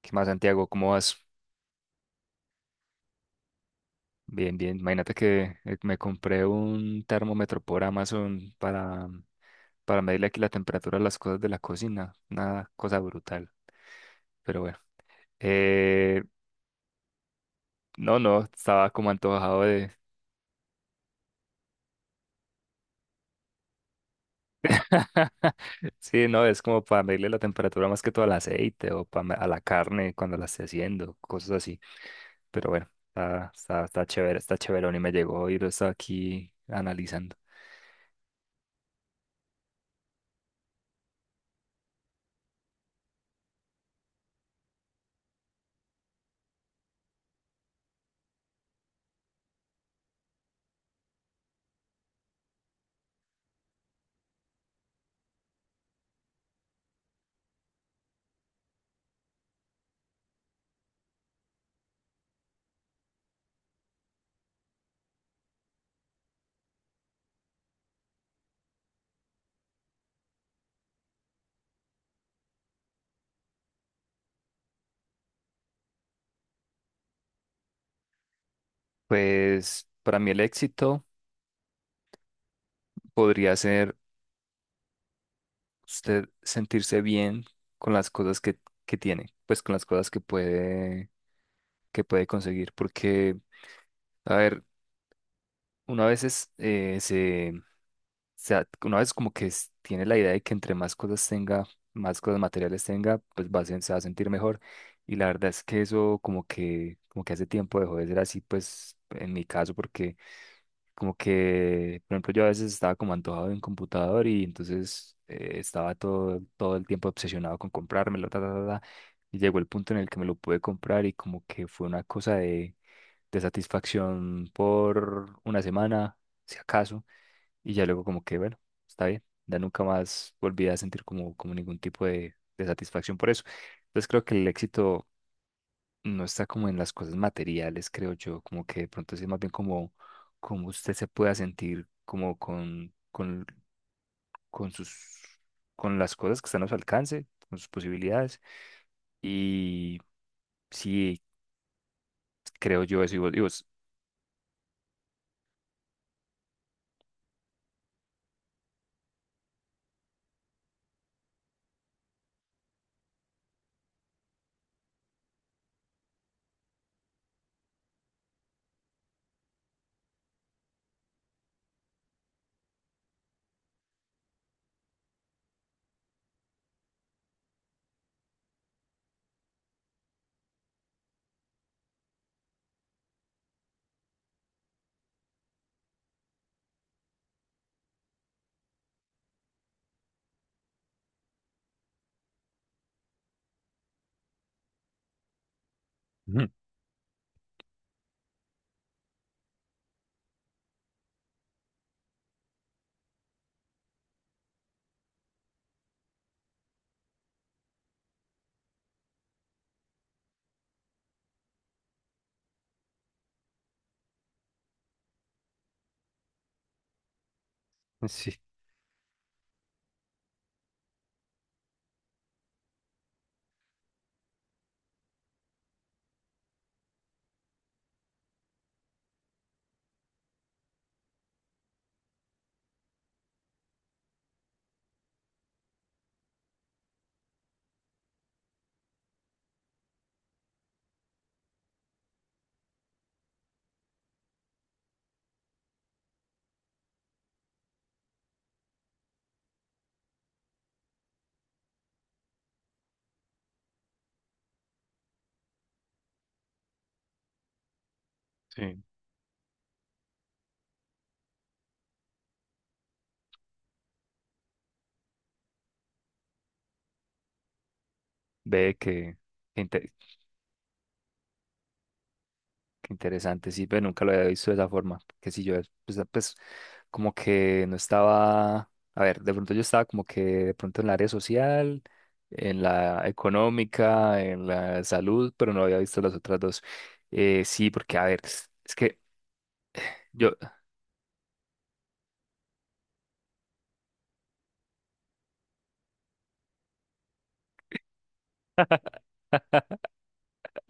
¿Qué más, Santiago? ¿Cómo vas? Bien, bien. Imagínate que me compré un termómetro por Amazon para medirle aquí la temperatura a las cosas de la cocina. Una cosa brutal. Pero bueno. Eh, no, no, estaba como antojado de... Sí, no, es como para medirle la temperatura más que todo al aceite o para, a la carne cuando la esté haciendo, cosas así. Pero bueno, está chévere, está chéverón y me llegó y lo estaba aquí analizando. Pues para mí el éxito podría ser usted sentirse bien con las cosas que tiene, pues con las cosas que puede conseguir. Porque, a ver, una vez es, una vez como que tiene la idea de que entre más cosas tenga, más cosas materiales tenga, pues va a, se va a sentir mejor. Y la verdad es que eso como que hace tiempo dejó de ser así, pues en mi caso, porque como que, por ejemplo, yo a veces estaba como antojado de un computador y entonces estaba todo el tiempo obsesionado con comprármelo, ta, ta, ta, ta. Y llegó el punto en el que me lo pude comprar y como que fue una cosa de satisfacción por una semana, si acaso. Y ya luego como que, bueno, está bien. Ya nunca más volví a sentir como, como ningún tipo de satisfacción por eso. Entonces creo que el éxito no está como en las cosas materiales, creo yo, como que de pronto sí es más bien como, como usted se pueda sentir como con sus, con las cosas que están a su alcance, con sus posibilidades. Y sí, creo yo eso. Y vos, ujú. Sí, sí. Ve que, inte- qué interesante, sí, pero nunca lo había visto de esa forma. Que si yo, pues, pues, como que no estaba, a ver, de pronto yo estaba como que de pronto en la área social, en la económica, en la salud, pero no había visto las otras dos. Sí, porque, a ver, es que yo,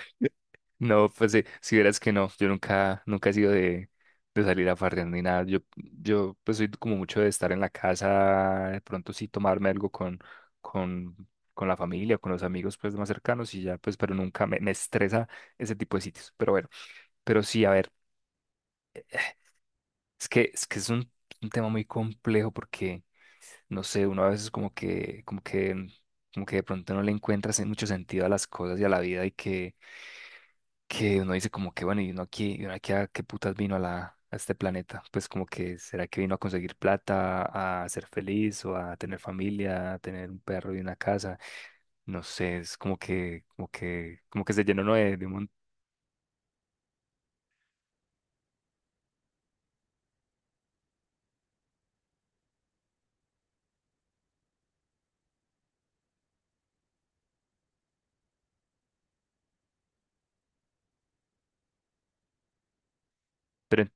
no, pues si verás que no, yo nunca, nunca he sido de salir a farrear ni nada. Yo pues soy como mucho de estar en la casa, de pronto sí tomarme algo con, con la familia, con los amigos pues más cercanos y ya, pues, pero nunca me, me estresa ese tipo de sitios. Pero bueno, pero sí, a ver, es que es un tema muy complejo porque, no sé, uno a veces como que, como que, como que de pronto no le encuentras mucho sentido a las cosas y a la vida y que uno dice como que bueno, y uno aquí a qué putas vino a la, a este planeta, pues como que será que vino a conseguir plata, a ser feliz o a tener familia, a tener un perro y una casa, no sé, es como que, como que, como que se llenó uno de un montón, pero.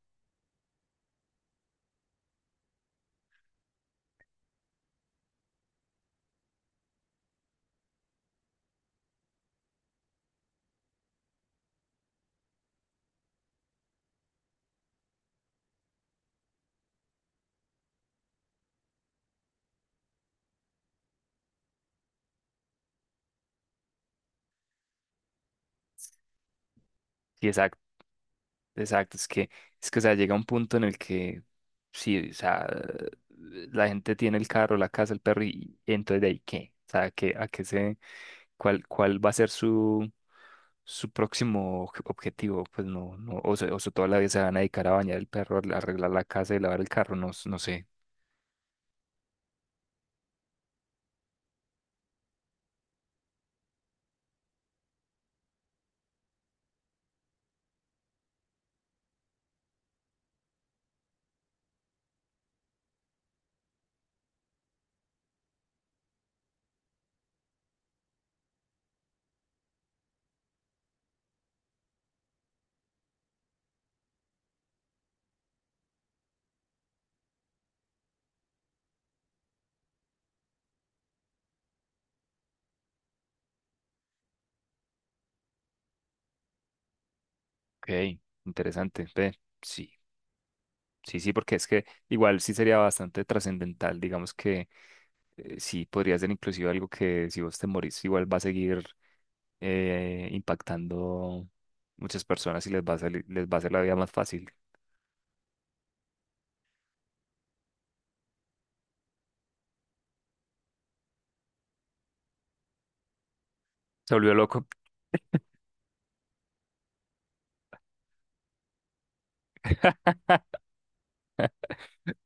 Exacto, es que, o sea, llega un punto en el que, sí, o sea, la gente tiene el carro, la casa, el perro, y entonces de ahí qué, o sea, qué cuál, cuál va a ser su, su próximo objetivo, pues no, no, o sea, toda la vida se van a dedicar a bañar el perro, a arreglar la casa y lavar el carro, no, no sé. Ok, interesante, ve, sí. Sí, sí, porque es que igual sí sería bastante trascendental, digamos que sí podría ser inclusive algo que si vos te morís igual va a seguir impactando muchas personas y les va a hacer la vida más fácil. Se volvió loco.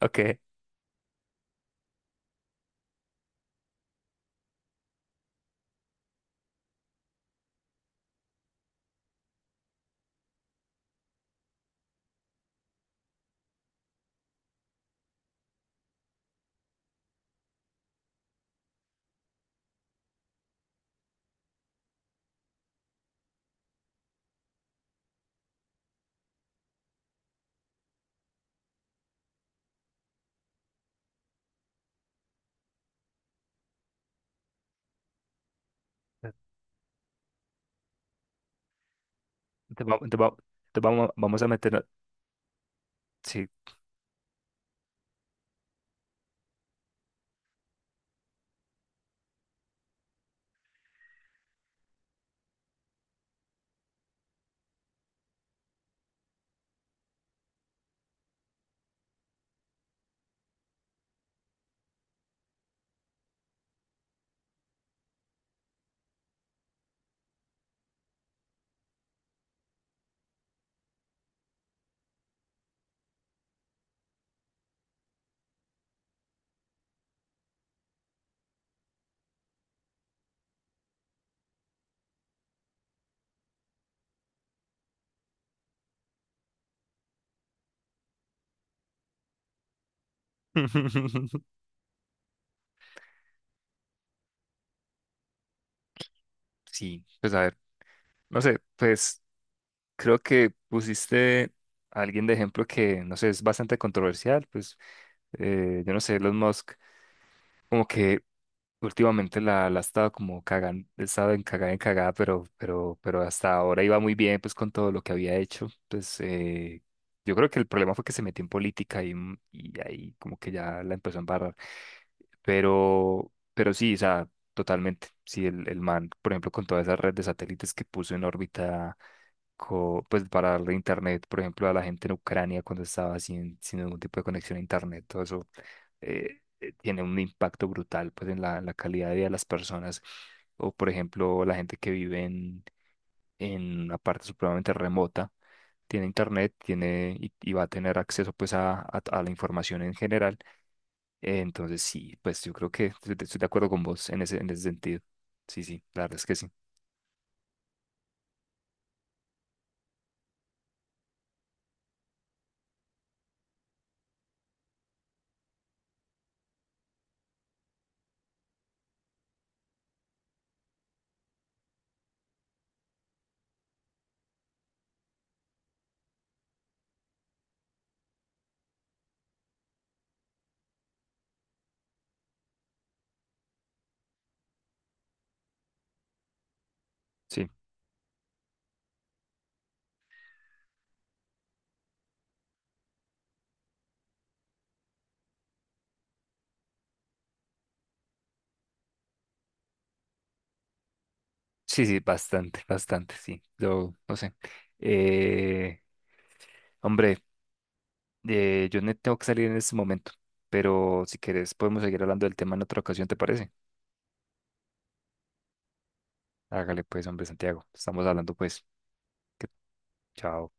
Ok. Te va- te va- te vamos, vamos a meter. Sí. Sí, pues a ver. No sé, pues creo que pusiste a alguien de ejemplo que, no sé, es bastante controversial. Pues yo no sé, Elon Musk, como que últimamente la, la ha estado como cagando, estado en cagada, pero hasta ahora iba muy bien pues con todo lo que había hecho. Pues yo creo que el problema fue que se metió en política y, y ahí como que ya la empezó a embarrar. Pero sí, o sea, totalmente. Sí, el man, por ejemplo, con toda esa red de satélites que puso en órbita pues para darle internet, por ejemplo, a la gente en Ucrania cuando estaba sin, sin ningún tipo de conexión a internet, todo eso tiene un impacto brutal pues en la, la calidad de vida de las personas. O por ejemplo, la gente que vive en una parte supremamente remota, tiene internet, tiene y va a tener acceso pues a, a la información en general. Entonces sí, pues yo creo que estoy de acuerdo con vos en ese sentido. Sí, sí, la verdad es que sí. Sí, sí, sí, bastante, bastante, sí. Yo no sé. Eh, hombre. Yo no tengo que salir en este momento, pero si querés podemos seguir hablando del tema en otra ocasión, ¿te parece? Hágale pues, hombre Santiago. Estamos hablando pues. Que- chao.